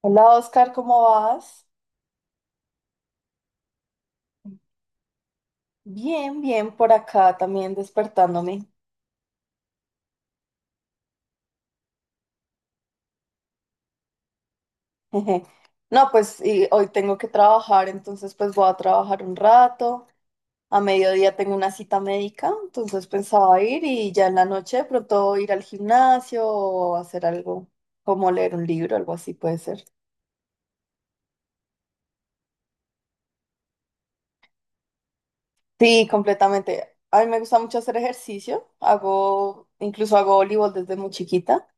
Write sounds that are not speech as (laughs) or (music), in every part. Hola Oscar, ¿cómo vas? Bien, bien, por acá también despertándome. (laughs) No, pues y hoy tengo que trabajar, entonces pues voy a trabajar un rato. A mediodía tengo una cita médica, entonces pensaba ir y ya en la noche de pronto ir al gimnasio o hacer algo como leer un libro, algo así puede ser. Sí, completamente. A mí me gusta mucho hacer ejercicio. Hago, incluso hago voleibol desde muy chiquita.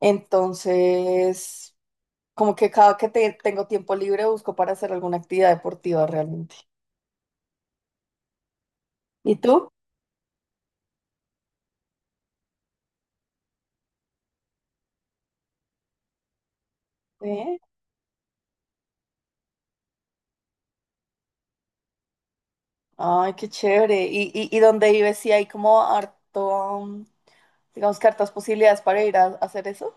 Entonces, como que cada que tengo tiempo libre busco para hacer alguna actividad deportiva realmente. ¿Y tú? ¿Eh? Ay, qué chévere. ¿Y dónde vives? ¿Sí hay como harto, digamos que hartas posibilidades para ir a hacer eso?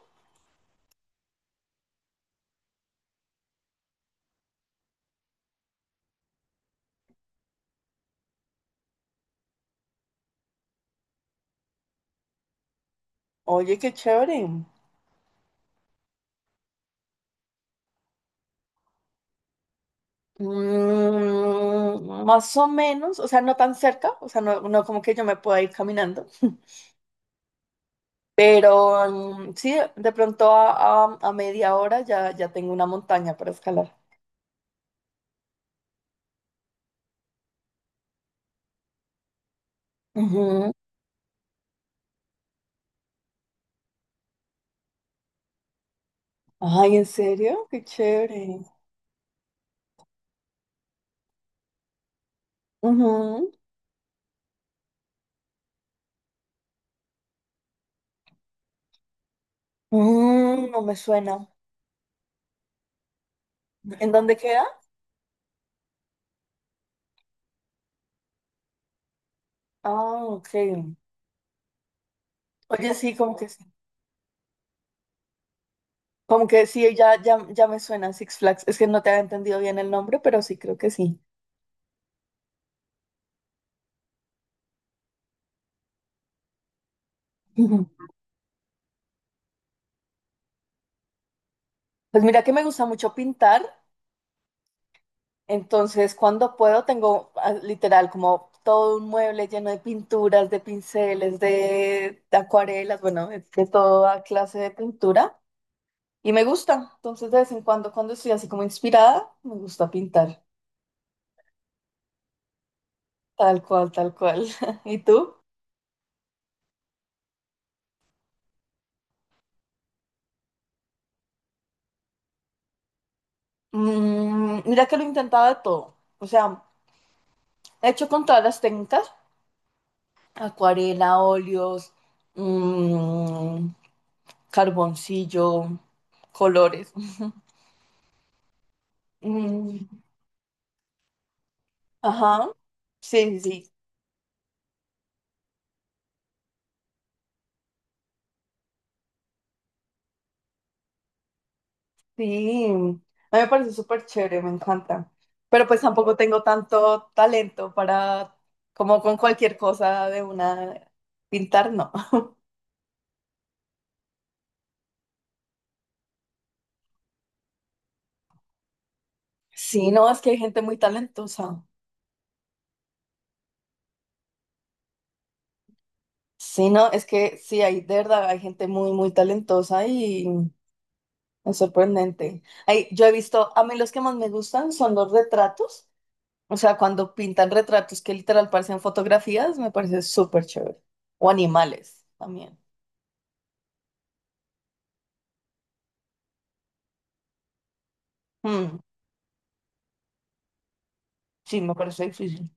Oye, qué chévere. Mm, más o menos, o sea, no tan cerca, o sea, no, no como que yo me pueda ir caminando. (laughs) Pero sí, de pronto a media hora ya tengo una montaña para escalar. Ujú. Ay, ¿en serio? Qué chévere. Ujú. Mm, no me suena. ¿En dónde queda? Ah, ok. Oye, sí, como que sí. Como que sí, ya me suena Six Flags. Es que no te había entendido bien el nombre, pero sí, creo que sí. Ujú. Pues mira que me gusta mucho pintar, entonces cuando puedo tengo literal como todo un mueble lleno de pinturas, de pinceles, de acuarelas, bueno, de toda clase de pintura. Y me gusta, entonces de vez en cuando, cuando estoy así como inspirada, me gusta pintar. Tal cual, tal cual. (laughs) ¿Y tú? Mm, mira que lo he intentado de todo. O sea, he hecho con todas las técnicas, acuarela, óleos, mm, carboncillo, colores. (laughs) Mm, ajá. Sí, sí, sí. Sí, a mí me parece súper chévere, me encanta. Pero pues tampoco tengo tanto talento para, como con cualquier cosa de una, pintar, no. Sí, no, es que hay gente muy talentosa. Sí, no, es que sí, hay de verdad, hay gente muy, muy talentosa y es sorprendente. Ay, yo he visto, a mí los que más me gustan son los retratos, o sea, cuando pintan retratos que literal parecen fotografías, me parece súper chévere. O animales también. Mm, sí, me parece difícil.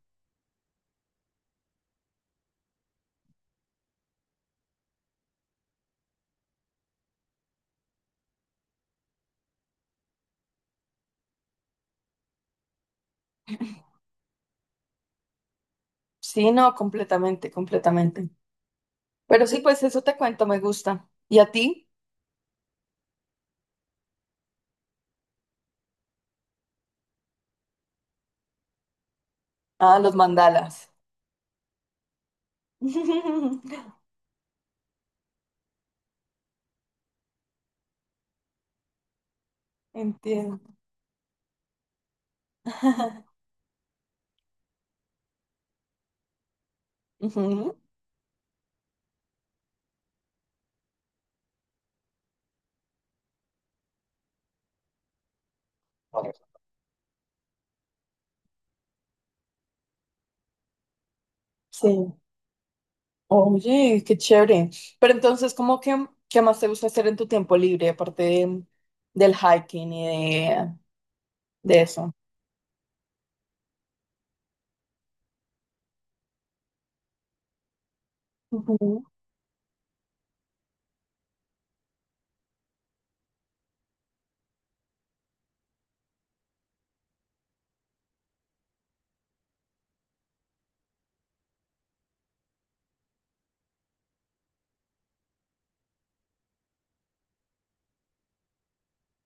Sí, no, completamente, completamente. Pero sí, pues eso te cuento, me gusta. ¿Y a ti? Ah, los mandalas. (laughs) Entiendo. (laughs) Ujú. Sí. Oye, qué chévere. Pero entonces, ¿cómo que qué más te gusta hacer en tu tiempo libre, aparte del hiking y de, de eso? Ujú,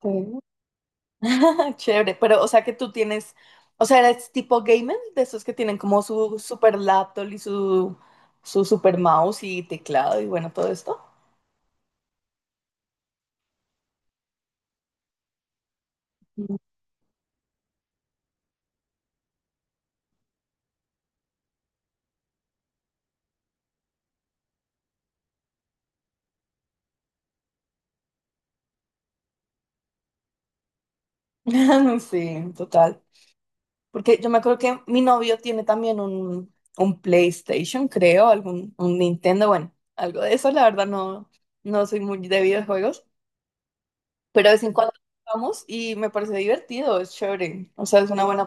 ok. (laughs) Chévere, pero o sea que tú tienes, o sea, eres tipo gamer, de esos que tienen como su super laptop y su super mouse y teclado y bueno, todo esto. Mm. (laughs) Sí, total. Porque yo me acuerdo que mi novio tiene también un PlayStation, creo, algún un Nintendo, bueno, algo de eso. La verdad no, no soy muy de videojuegos, pero de vez en cuando jugamos y me parece divertido, es chévere. O sea, es una buena,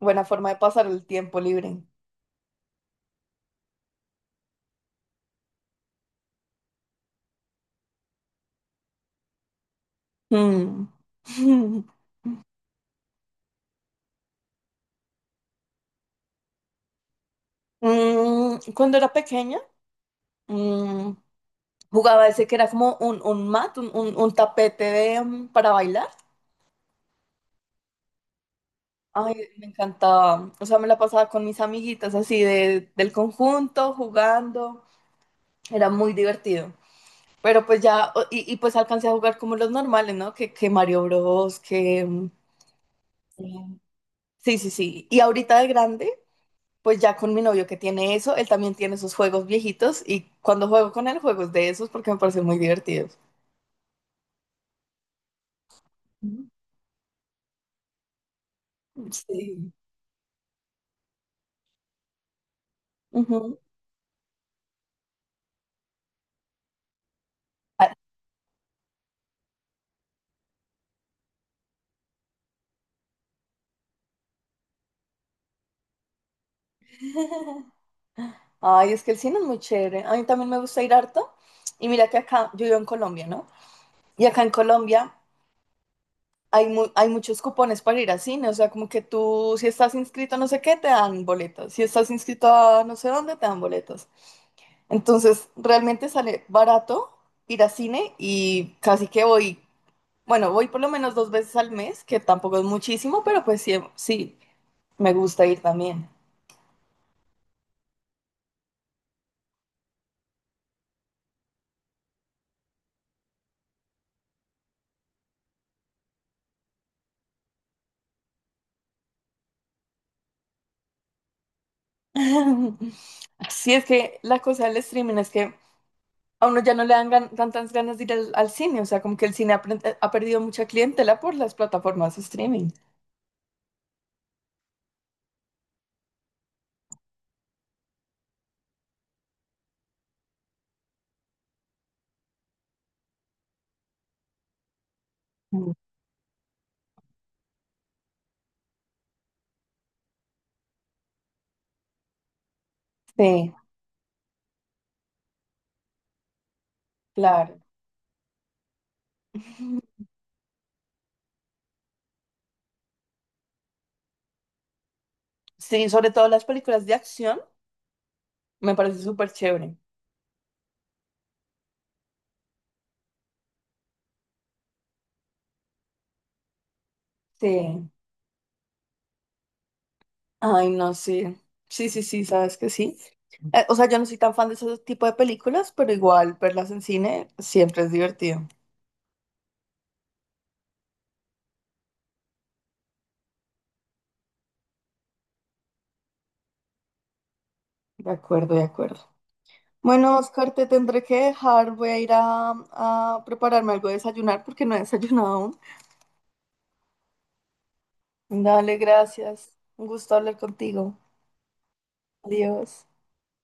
buena forma de pasar el tiempo libre. Mm. (laughs) Mm, cuando era pequeña, mm, jugaba ese que era como un mat, un tapete de, para bailar. Ay, me encantaba. O sea, me la pasaba con mis amiguitas así de, del conjunto, jugando. Era muy divertido. Pero pues ya, y pues alcancé a jugar como los normales, ¿no? Que Mario Bros, sí, sí, sí. Y ahorita de grande, pues ya con mi novio que tiene eso, él también tiene esos juegos viejitos y cuando juego con él, juegos de esos porque me parecen muy divertidos. Ujú. Sí. Ujú. Ah. (laughs) Ay, es que el cine es muy chévere. A mí también me gusta ir harto. Y mira que acá, yo vivo en Colombia, ¿no? Y acá en Colombia hay, hay muchos cupones para ir al cine, o sea, como que tú, si estás inscrito a no sé qué, te dan boletos, si estás inscrito a no sé dónde, te dan boletos. Entonces, realmente sale barato ir al cine y casi que voy, bueno, voy por lo menos 2 veces al mes, que tampoco es muchísimo, pero pues sí, sí, me gusta ir también. (laughs) Sí, es que la cosa del streaming es que a uno ya no le dan tantas ganas de ir al cine, o sea, como que el cine ha, ha perdido mucha clientela por las plataformas de streaming. Mm. Sí, claro. (laughs) Sí, sobre todo las películas de acción, me parece súper chévere. Sí. Ay, no sí. Sí, sí, sí, sabes que sí. O sea, yo no soy tan fan de ese tipo de películas, pero igual verlas en cine siempre es divertido. De acuerdo, de acuerdo. Bueno, Oscar, te tendré que dejar. Voy a ir a prepararme algo de desayunar porque no he desayunado aún. Dale, gracias. Un gusto hablar contigo. Adiós.